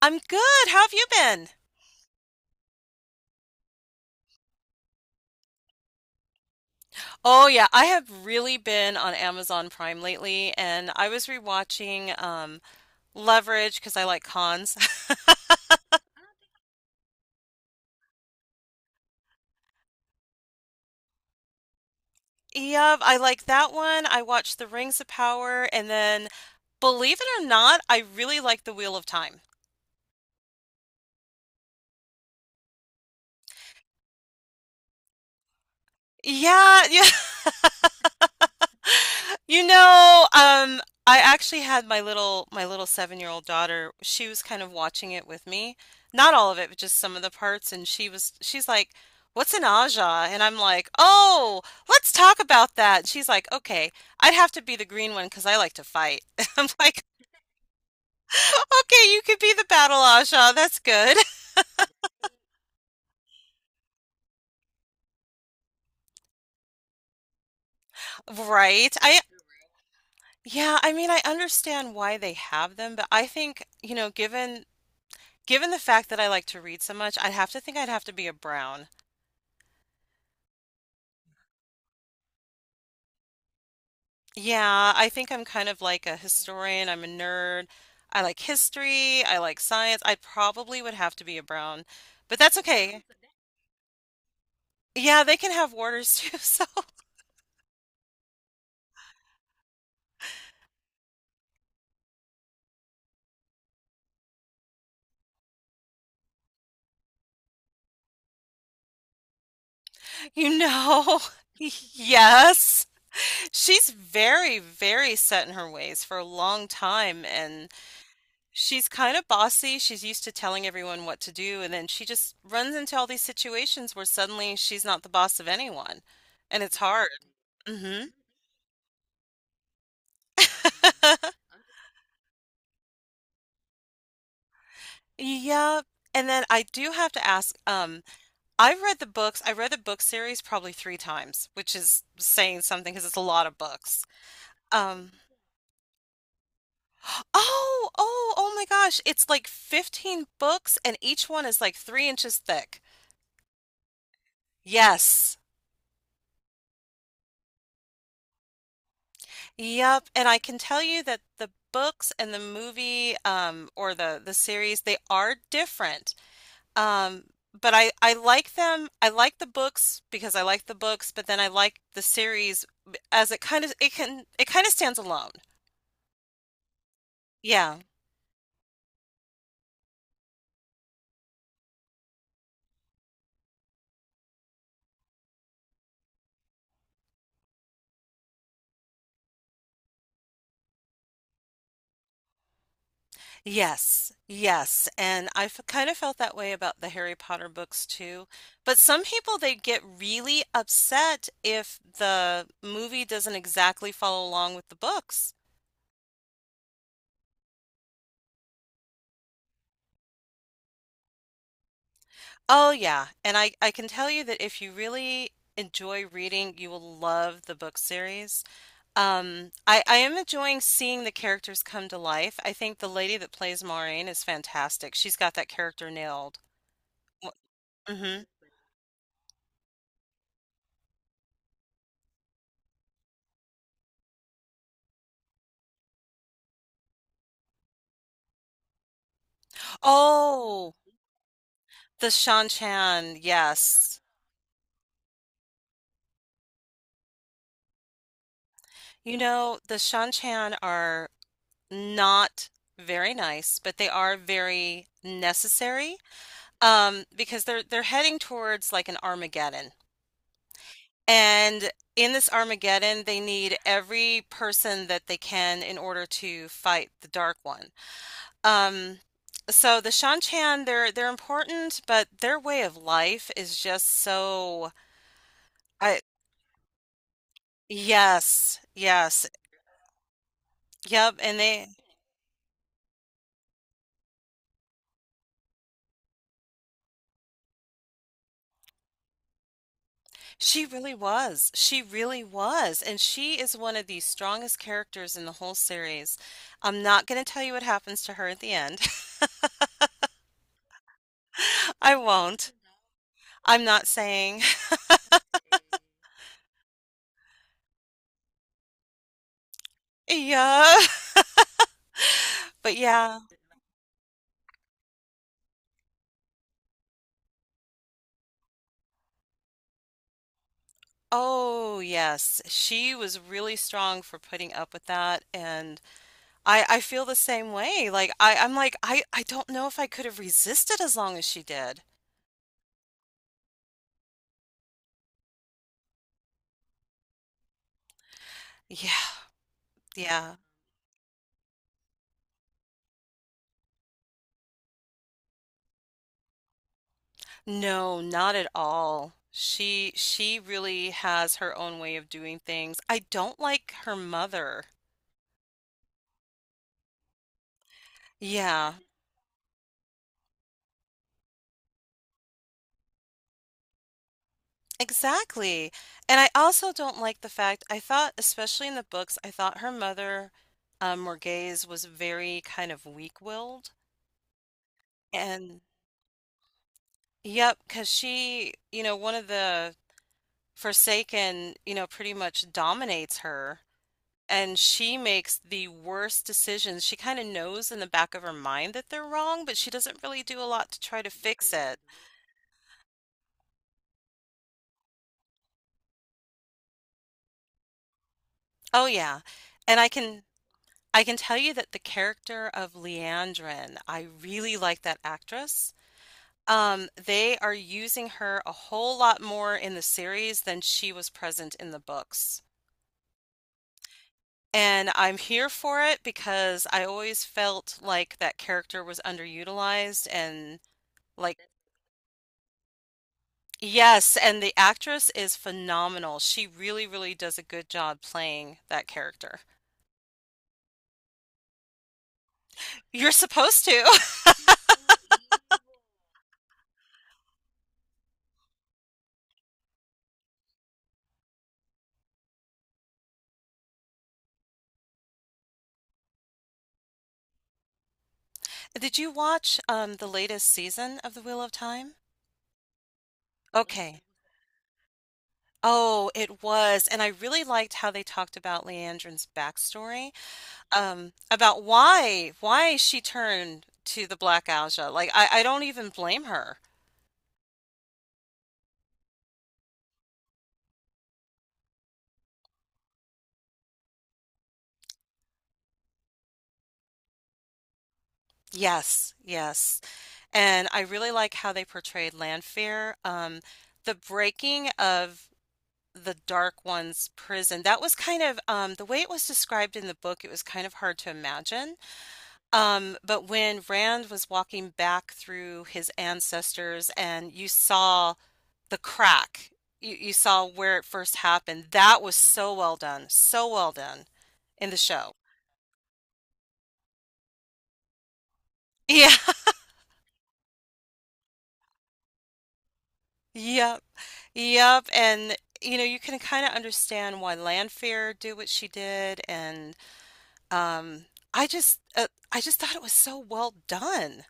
I'm good. How have you been? Oh yeah, I have really been on Amazon Prime lately, and I was rewatching Leverage because I like cons. Yep, I like that one. I watched The Rings of Power, and then believe it or not, I really like The Wheel of Time. Yeah, yeah. You know, um, I actually had my little 7-year-old daughter. She was kind of watching it with me. Not all of it, but just some of the parts. And she's like, "What's an aja?" And I'm like, "Oh, let's talk about that." And she's like, "Okay, I'd have to be the green one because I like to fight." I'm like, "Okay, you could be the battle aja. That's good." Right. I yeah, I mean, I understand why they have them, but I think, you know, given the fact that I like to read so much, I'd have to think I'd have to be a Brown. Yeah, I think I'm kind of like a historian. I'm a nerd. I like history. I like science. I probably would have to be a Brown, but that's okay. Yeah, they can have warders too, so you know. Yes. She's very, very set in her ways for a long time, and she's kind of bossy. She's used to telling everyone what to do, and then she just runs into all these situations where suddenly she's not the boss of anyone. And it's hard. Hmm. Yeah. And then I do have to ask, I've read the books. I read the book series probably three times, which is saying something because it's a lot of books. Um, oh my gosh. It's like 15 books, and each one is like 3 inches thick. Yes. Yep, and I can tell you that the books and the movie or the series they are different. Um but I like them. I like the books because I like the books, but then I like the series as it kind of stands alone. Yeah. Yes. Yes. And I f kind of felt that way about the Harry Potter books too. But some people they get really upset if the movie doesn't exactly follow along with the books. Oh yeah, and I can tell you that if you really enjoy reading, you will love the book series. I am enjoying seeing the characters come to life. I think the lady that plays Maureen is fantastic. She's got that character nailed. Mm-hmm. Oh, the Shan Chan, yes. You know, the Shan Chan are not very nice, but they are very necessary, because they're heading towards like an Armageddon. And in this Armageddon, they need every person that they can in order to fight the Dark One. Um, so the Shanchan, they're important, but their way of life is just so. I Yes, yes, yep. And they. She really was, she really was, and she is one of the strongest characters in the whole series. I'm not going to tell you what happens to her at the end. I won't. I'm not saying. Yeah, but yeah. Oh, yes. She was really strong for putting up with that. And I feel the same way. Like I'm like, I don't know if I could have resisted as long as she did. Yeah, yeah. No, not at all. She really has her own way of doing things. I don't like her mother. Yeah, exactly. And I also don't like the fact I thought, especially in the books, I thought her mother, Morghese was very kind of weak-willed. And yep, cause she, one of the Forsaken, pretty much dominates her, and she makes the worst decisions. She kind of knows in the back of her mind that they're wrong, but she doesn't really do a lot to try to fix it. Oh yeah. And I can tell you that the character of Leandrin, I really like that actress. They are using her a whole lot more in the series than she was present in the books. And I'm here for it because I always felt like that character was underutilized and like, yes, and the actress is phenomenal. She really, really does a good job playing that character. You're supposed to. Did you watch the latest season of The Wheel of Time? Okay. Oh, it was. And I really liked how they talked about Leandrin's backstory, about why she turned to the Black Aja. Like I don't even blame her. Yes, yes. And I really like how they portrayed Lanfear. The breaking of the Dark One's prison, that was kind of, the way it was described in the book, it was kind of hard to imagine. But when Rand was walking back through his ancestors and you saw the crack, you saw where it first happened, that was so well done in the show. Yeah, yeah. Yep, and you can kind of understand why Lanfear did what she did, and um, I just, uh, I just thought it was so well done.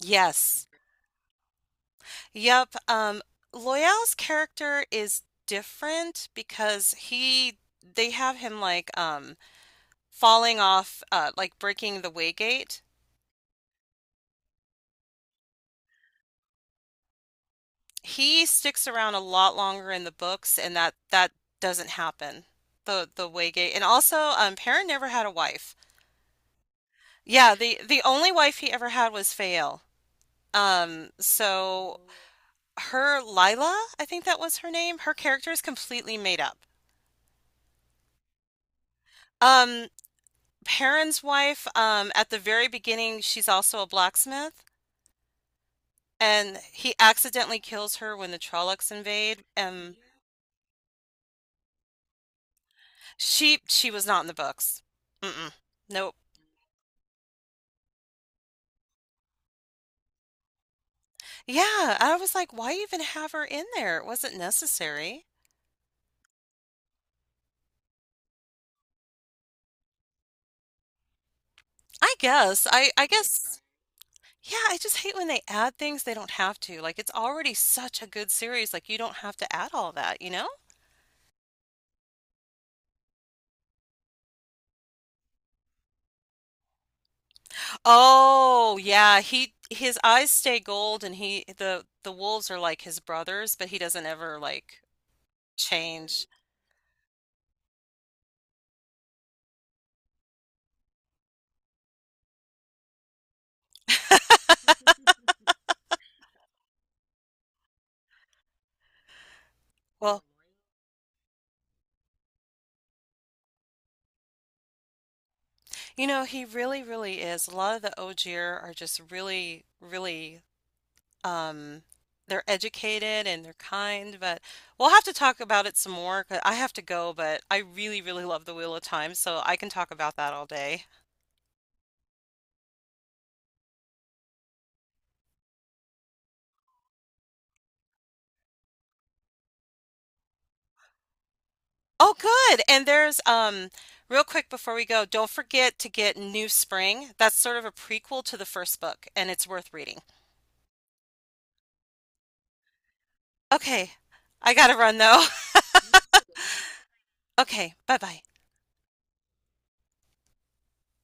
Yes, yep. Loyal's character is different because they have him like falling off, like breaking the Waygate. He sticks around a lot longer in the books, and that doesn't happen. The Waygate, and also, Perrin never had a wife. Yeah, the only wife he ever had was Fael. So her Lila, I think that was her name, her character is completely made up. Um, Perrin's wife, at the very beginning, she's also a blacksmith, and he accidentally kills her when the Trollocs invade. She was not in the books. Mm-mm. Nope. Yeah, I was like, why even have her in there? It wasn't necessary. I guess. I guess. Yeah, I just hate when they add things they don't have to. Like, it's already such a good series. Like, you don't have to add all that, you know? Oh, yeah. He his eyes stay gold, and he the wolves are like his brothers, but he doesn't ever like change. Well, he really, really is. A lot of the Ogier are just really, really, um they're educated and they're kind, but we'll have to talk about it some more 'cause I have to go, but I really, really love the Wheel of Time, so I can talk about that all day. Oh, good. And there's, real quick before we go, don't forget to get New Spring. That's sort of a prequel to the first book, and it's worth reading. Okay. I gotta run though. Okay, bye-bye.